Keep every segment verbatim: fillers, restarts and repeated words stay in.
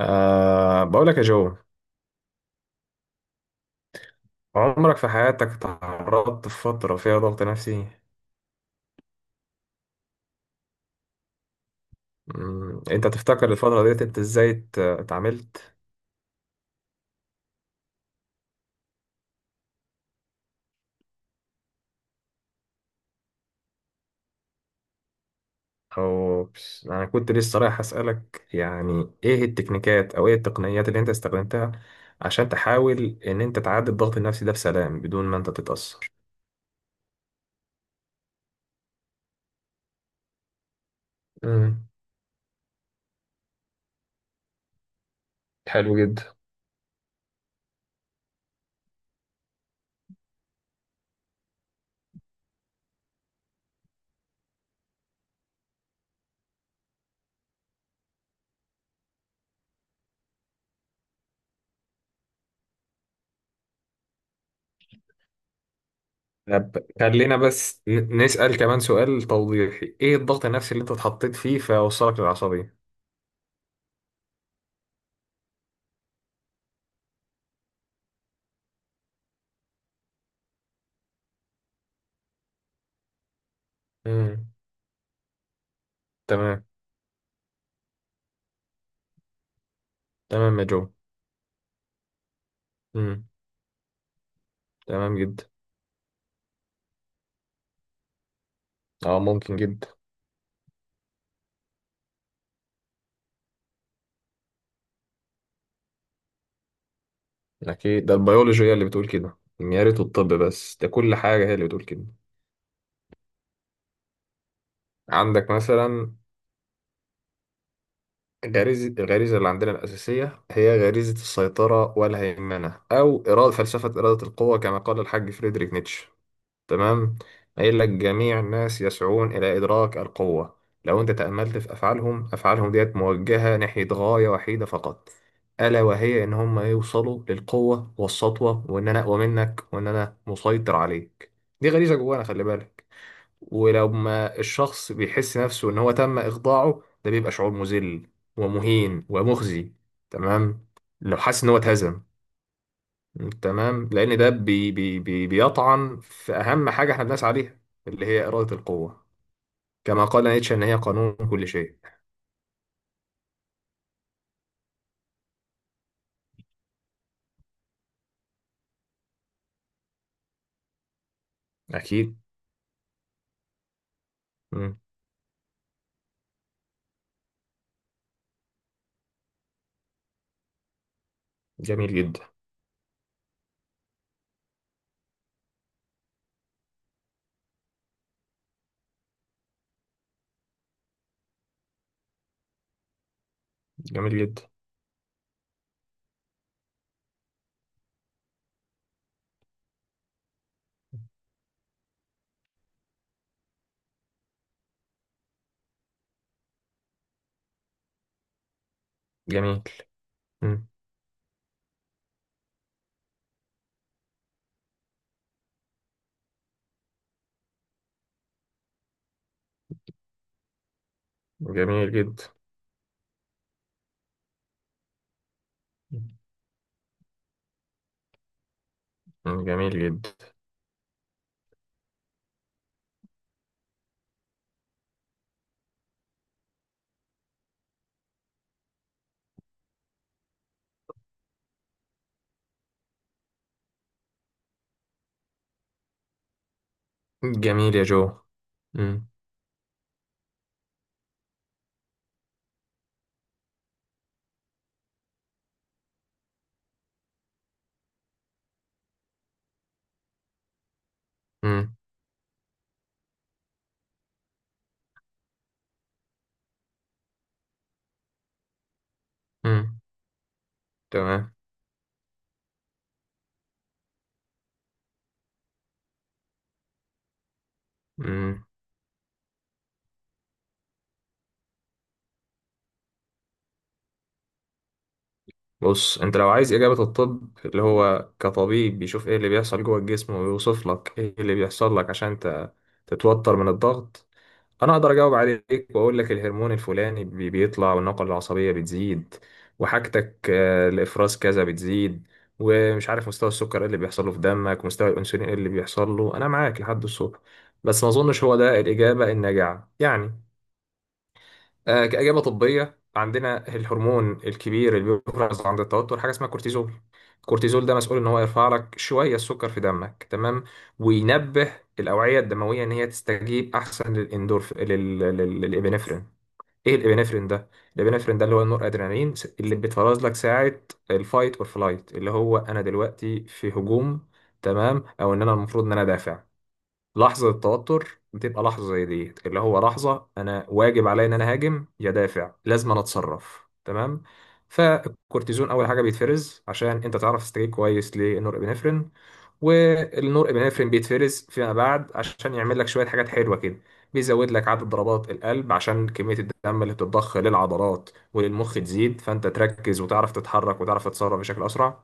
أه بقول لك يا جو، عمرك في حياتك تعرضت في فترة فيها ضغط نفسي؟ مم، انت تفتكر الفترة ديت انت ازاي ات- اتعاملت؟ او بس- انا كنت لسه رايح اسألك يعني ايه التكنيكات او ايه التقنيات اللي انت استخدمتها عشان تحاول ان انت تعدي الضغط النفسي ده بسلام بدون ما انت تتأثر. امم. حلو جدا. طب خلينا بس ن- نسأل كمان سؤال توضيحي، ايه الضغط النفسي اللي انت اتحطيت فيه فوصلك للعصبية؟ امم. تمام. تمام يا جو. امم. تمام جدا. اه، ممكن جدا. اكيد، ده البيولوجي هي اللي بتقول كده، يا ريت الطب بس، ده كل حاجه هي اللي بتقول كده. عندك مثلا غريزه، الغريزه اللي عندنا الاساسيه هي غريزه السيطره والهيمنه، او اراده، فلسفه اراده القوه كما قال الحاج فريدريك نيتشه. تمام. قايل لك جميع الناس يسعون إلى إدراك القوة. لو أنت تأملت في أفعالهم، أفعالهم ديت موجهة ناحية غاية وحيدة فقط، ألا وهي إن هم يوصلوا للقوة والسطوة، وإن أنا أقوى منك، وإن أنا مسيطر عليك. دي غريزة جوانا، خلي بالك. ولو ما الشخص بيحس نفسه إن هو تم إخضاعه، ده بيبقى شعور مذل ومهين ومخزي. تمام. لو حاسس إن هو اتهزم. تمام، لان ده بي بي بي بيطعن في اهم حاجه احنا بنسعى ليها، اللي هي اراده القوه، كما قال نيتشه ان هي قانون كل شيء. اكيد. مم. جميل جدا. جميل جدا. جميل. مم. جميل جدا. مم. جميل جدا. جميل يا جو. مم. مم. مم. تمام. مم. بص، انت لو عايز اجابه الطب، اللي هو كطبيب بيشوف ايه اللي بيحصل جوه الجسم ويوصف لك ايه اللي بيحصل لك عشان ت- تتوتر من الضغط، انا اقدر اجاوب عليك واقول لك الهرمون الفلاني بي- بيطلع والنقله العصبيه بتزيد، وحاجتك آه، الافراز كذا بتزيد، ومش عارف مستوى السكر ايه اللي بيحصل له في دمك، مستوى الانسولين ايه اللي بيحصل له، انا معاك لحد الصبح، بس ما اظنش هو ده الاجابه الناجعه يعني. آه، كاجابه طبيه، عندنا الهرمون الكبير اللي بيفرز عند التوتر حاجه اسمها كورتيزون، الكورتيزول ده مسؤول ان هو يرفع لك شويه السكر في دمك. تمام. وينبه الاوعيه الدمويه ان هي تستجيب احسن للاندورف، لل... لل... للابنفرين. ايه الابنفرين ده؟ الابنفرين ده اللي هو النور ادرينالين، اللي بيتفرز لك ساعه الفايت اور فلايت، اللي هو انا دلوقتي في هجوم. تمام. او ان انا المفروض ان انا دافع. لحظة التوتر بتبقى لحظة زي دي، اللي هو لحظة أنا واجب عليا إن أنا هاجم يا دافع، لازم أنا أتصرف. تمام. فالكورتيزون أول حاجة بيتفرز عشان أنت تعرف تستجيب كويس للنورابينفرين، والنور ابنفرين بيتفرز فيما بعد عشان يعمل لك شويه حاجات حلوه كده. بيزود لك عدد ضربات القلب عشان كميه الدم اللي بتتضخ للعضلات وللمخ تزيد، فانت تركز وتعرف تتحرك وتعرف تتصرف بشكل اسرع.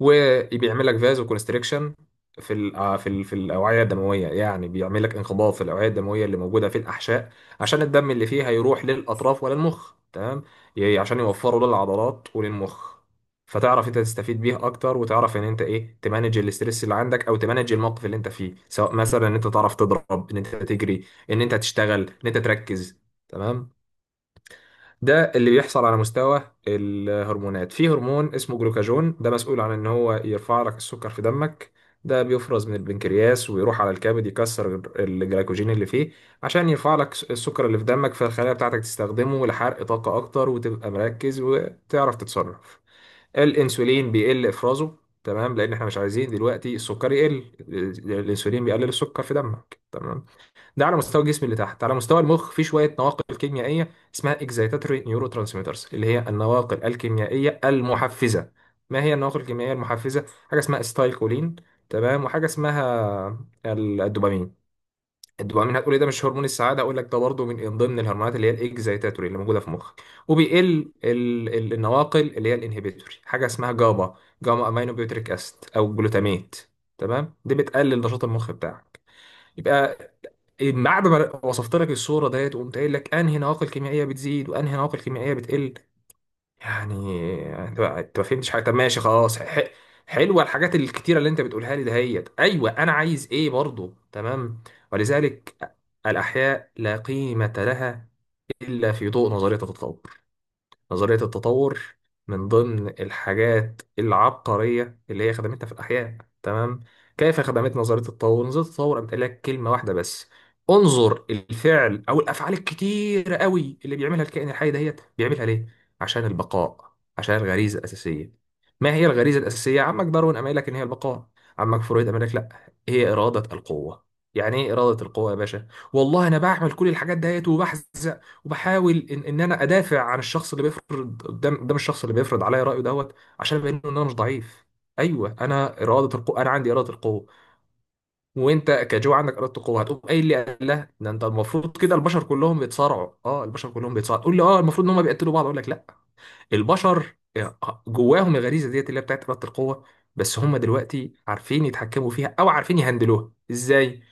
وبيعمل لك فازو كونستريكشن في ال- آه، في ال- في الاوعيه الدمويه، يعني بيعمل لك انقباض في الاوعيه الدمويه اللي موجوده في الاحشاء، عشان الدم اللي فيها يروح للاطراف ولا المخ. تمام. ي- عشان يوفروا للعضلات وللمخ، فتعرف انت تستفيد بيه اكتر، وتعرف ان انت ايه تمانج الاسترس اللي عندك، او تمانج الموقف اللي انت فيه، سواء مثلا ان انت تعرف تضرب، ان انت تجري، ان انت تشتغل، ان انت تركز. تمام. ده اللي بيحصل على مستوى الهرمونات. في هرمون اسمه جلوكاجون، ده مسؤول عن ان هو يرفع لك السكر في دمك، ده بيفرز من البنكرياس ويروح على الكبد يكسر الجلايكوجين اللي فيه، عشان يرفع لك السكر اللي في دمك، فالخلايا بتاعتك تستخدمه لحرق طاقة اكتر، وتبقى مركز وتعرف تتصرف. الانسولين بيقل افرازه. تمام، لان احنا مش عايزين دلوقتي السكر يقل. الانسولين بيقلل السكر في دمك. تمام. ده على مستوى الجسم اللي تحت. على مستوى المخ، في شويه نواقل كيميائيه اسمها اكزايتاتوري نيورو ترانسميترز، اللي هي النواقل الكيميائيه المحفزه. ما هي النواقل الكيميائيه المحفزه؟ حاجه اسمها استايكولين، تمام، وحاجه اسمها ال- الدوبامين. الدوبامين هتقول لي ده مش هرمون السعاده؟ اقول لك ده برضه من ضمن الهرمونات اللي هي الاكزايتاتوري اللي موجوده في مخك. وبيقل ال- ال- النواقل اللي هي الانهبيتوري، حاجه اسمها جابا، جاما امينو بيوتريك اسيد، او جلوتاميت. تمام، دي بتقلل نشاط المخ بتاعك. يبقى بعد ما وصفت لك الصورة ديت وقمت قايل لك انهي نواقل كيميائية بتزيد وانهي نواقل كيميائية بتقل، يعني انت ما أنت ما فهمتش حاجة. طب ماشي خلاص، ح- حلوة الحاجات الكتيرة اللي انت بتقولها لي دهيت، ايوه انا عايز ايه برضو. تمام. ولذلك، الاحياء لا قيمة لها الا في ضوء نظرية التطور. نظرية التطور من ضمن الحاجات العبقرية اللي هي خدمتنا في الأحياء. تمام. كيف خدمت نظرية التطور؟ نظرية التطور قامت قايلة لك كلمة واحدة بس، انظر الفعل أو الأفعال الكتيرة قوي اللي بيعملها الكائن الحي دهيت، بيعملها ليه؟ عشان البقاء، عشان الغريزة الأساسية. ما هي الغريزة الأساسية؟ عمك داروين قام قايل لك إن هي البقاء، عمك فرويد قام قايل لك لا هي إرادة القوة. يعني ايه إرادة القوة يا باشا؟ والله أنا بعمل كل الحاجات دهيت، وبحزن، وبحاول ان, إن انا ادافع عن الشخص اللي بيفرض قدام قدام الشخص اللي بيفرض عليا رايه دوت، عشان ابين له ان انا مش ضعيف. ايوه انا اراده القوه، انا عندي اراده القوه، وانت كجو عندك اراده القوه. هتقوم قايل لي قال لا، ده انت المفروض كده البشر كلهم بيتصارعوا، اه البشر كلهم بيتصارعوا، تقول لي اه المفروض ان هم بيقتلوا بعض؟ اقول لك لا، البشر آه، جواهم الغريزه ديت اللي هي بتاعت اراده القوه، بس هم دلوقتي عارفين يتحكموا فيها او عارفين يهندلوها ازاي.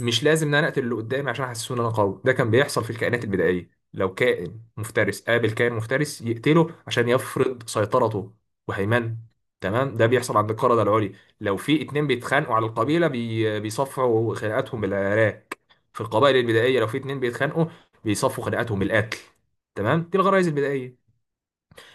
مش لازم ان انا اقتل اللي قدامي عشان احسسه ان انا قوي. ده كان بيحصل في الكائنات البدائيه، لو كائن مفترس قابل كائن مفترس يقتله عشان يفرض سيطرته وهيمنه. تمام. ده بيحصل عند القردة العليا، لو في اتنين بيتخانقوا على القبيله بي... بيصفعوا خناقاتهم بالعراك. في القبائل البدائيه لو في اتنين بيتخانقوا بيصفوا خناقاتهم بالقتل. تمام، دي الغرائز البدائيه.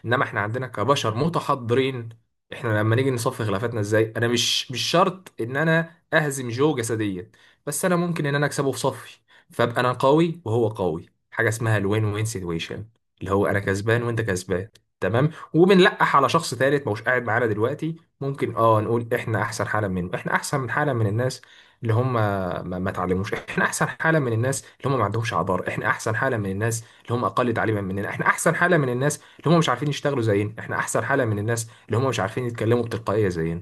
انما احنا عندنا كبشر متحضرين، احنا لما نيجي نصفي خلافاتنا ازاي، انا مش مش شرط ان انا اهزم جو جسديا، بس انا ممكن ان انا اكسبه في صفي، فابقى انا قوي وهو قوي، حاجه اسمها الوين وين سيتويشن، اللي هو انا كسبان وانت كسبان. تمام. وبنلقح على شخص ثالث مش قاعد معانا دلوقتي، ممكن اه نقول احنا احسن حالا منه، احنا احسن من حالا من الناس اللي هم ما, ما اتعلموش، احنا احسن حاله من الناس اللي هم ما عندهمش عبار، احنا احسن حاله من الناس اللي هم اقل تعليما مننا، احنا احسن حاله من الناس اللي هم مش عارفين يشتغلوا زينا، احنا احسن حالة من الناس اللي هم مش عارفين يتكلموا بتلقائية زينا.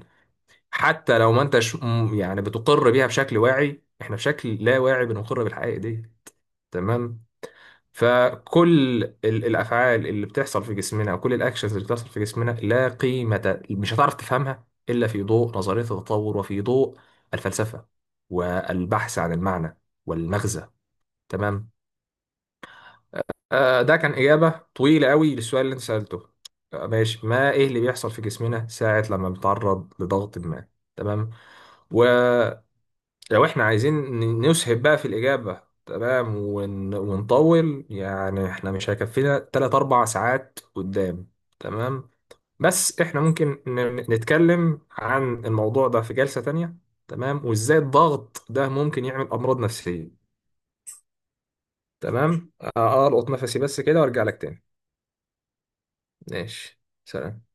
حتى لو ما انتش م- يعني بتقر بيها بشكل واعي، احنا بشكل لا واعي بنقر بالحقائق دي. تمام. فكل ال- الافعال اللي بتحصل في جسمنا، وكل الاكشنز اللي بتحصل في جسمنا، لا قيمة مش هتعرف تفهمها الا في ضوء نظرية التطور، وفي ضوء الفلسفة والبحث عن المعنى والمغزى. تمام. آه، ده كان إجابة طويلة قوي للسؤال اللي أنت سألته، آه، ماشي، ما إيه اللي بيحصل في جسمنا ساعة لما بنتعرض لضغط ما. تمام. ولو إحنا عايزين ن- نسهب بقى في الإجابة، تمام، ون... ونطول، يعني إحنا مش هيكفينا تلات أربع ساعات قدام. تمام. بس إحنا ممكن ن... نتكلم عن الموضوع ده في جلسة تانية، تمام، وإزاي الضغط ده ممكن يعمل أمراض نفسية. تمام. آه، ألقط نفسي بس كده وأرجع لك تاني. ماشي سلام.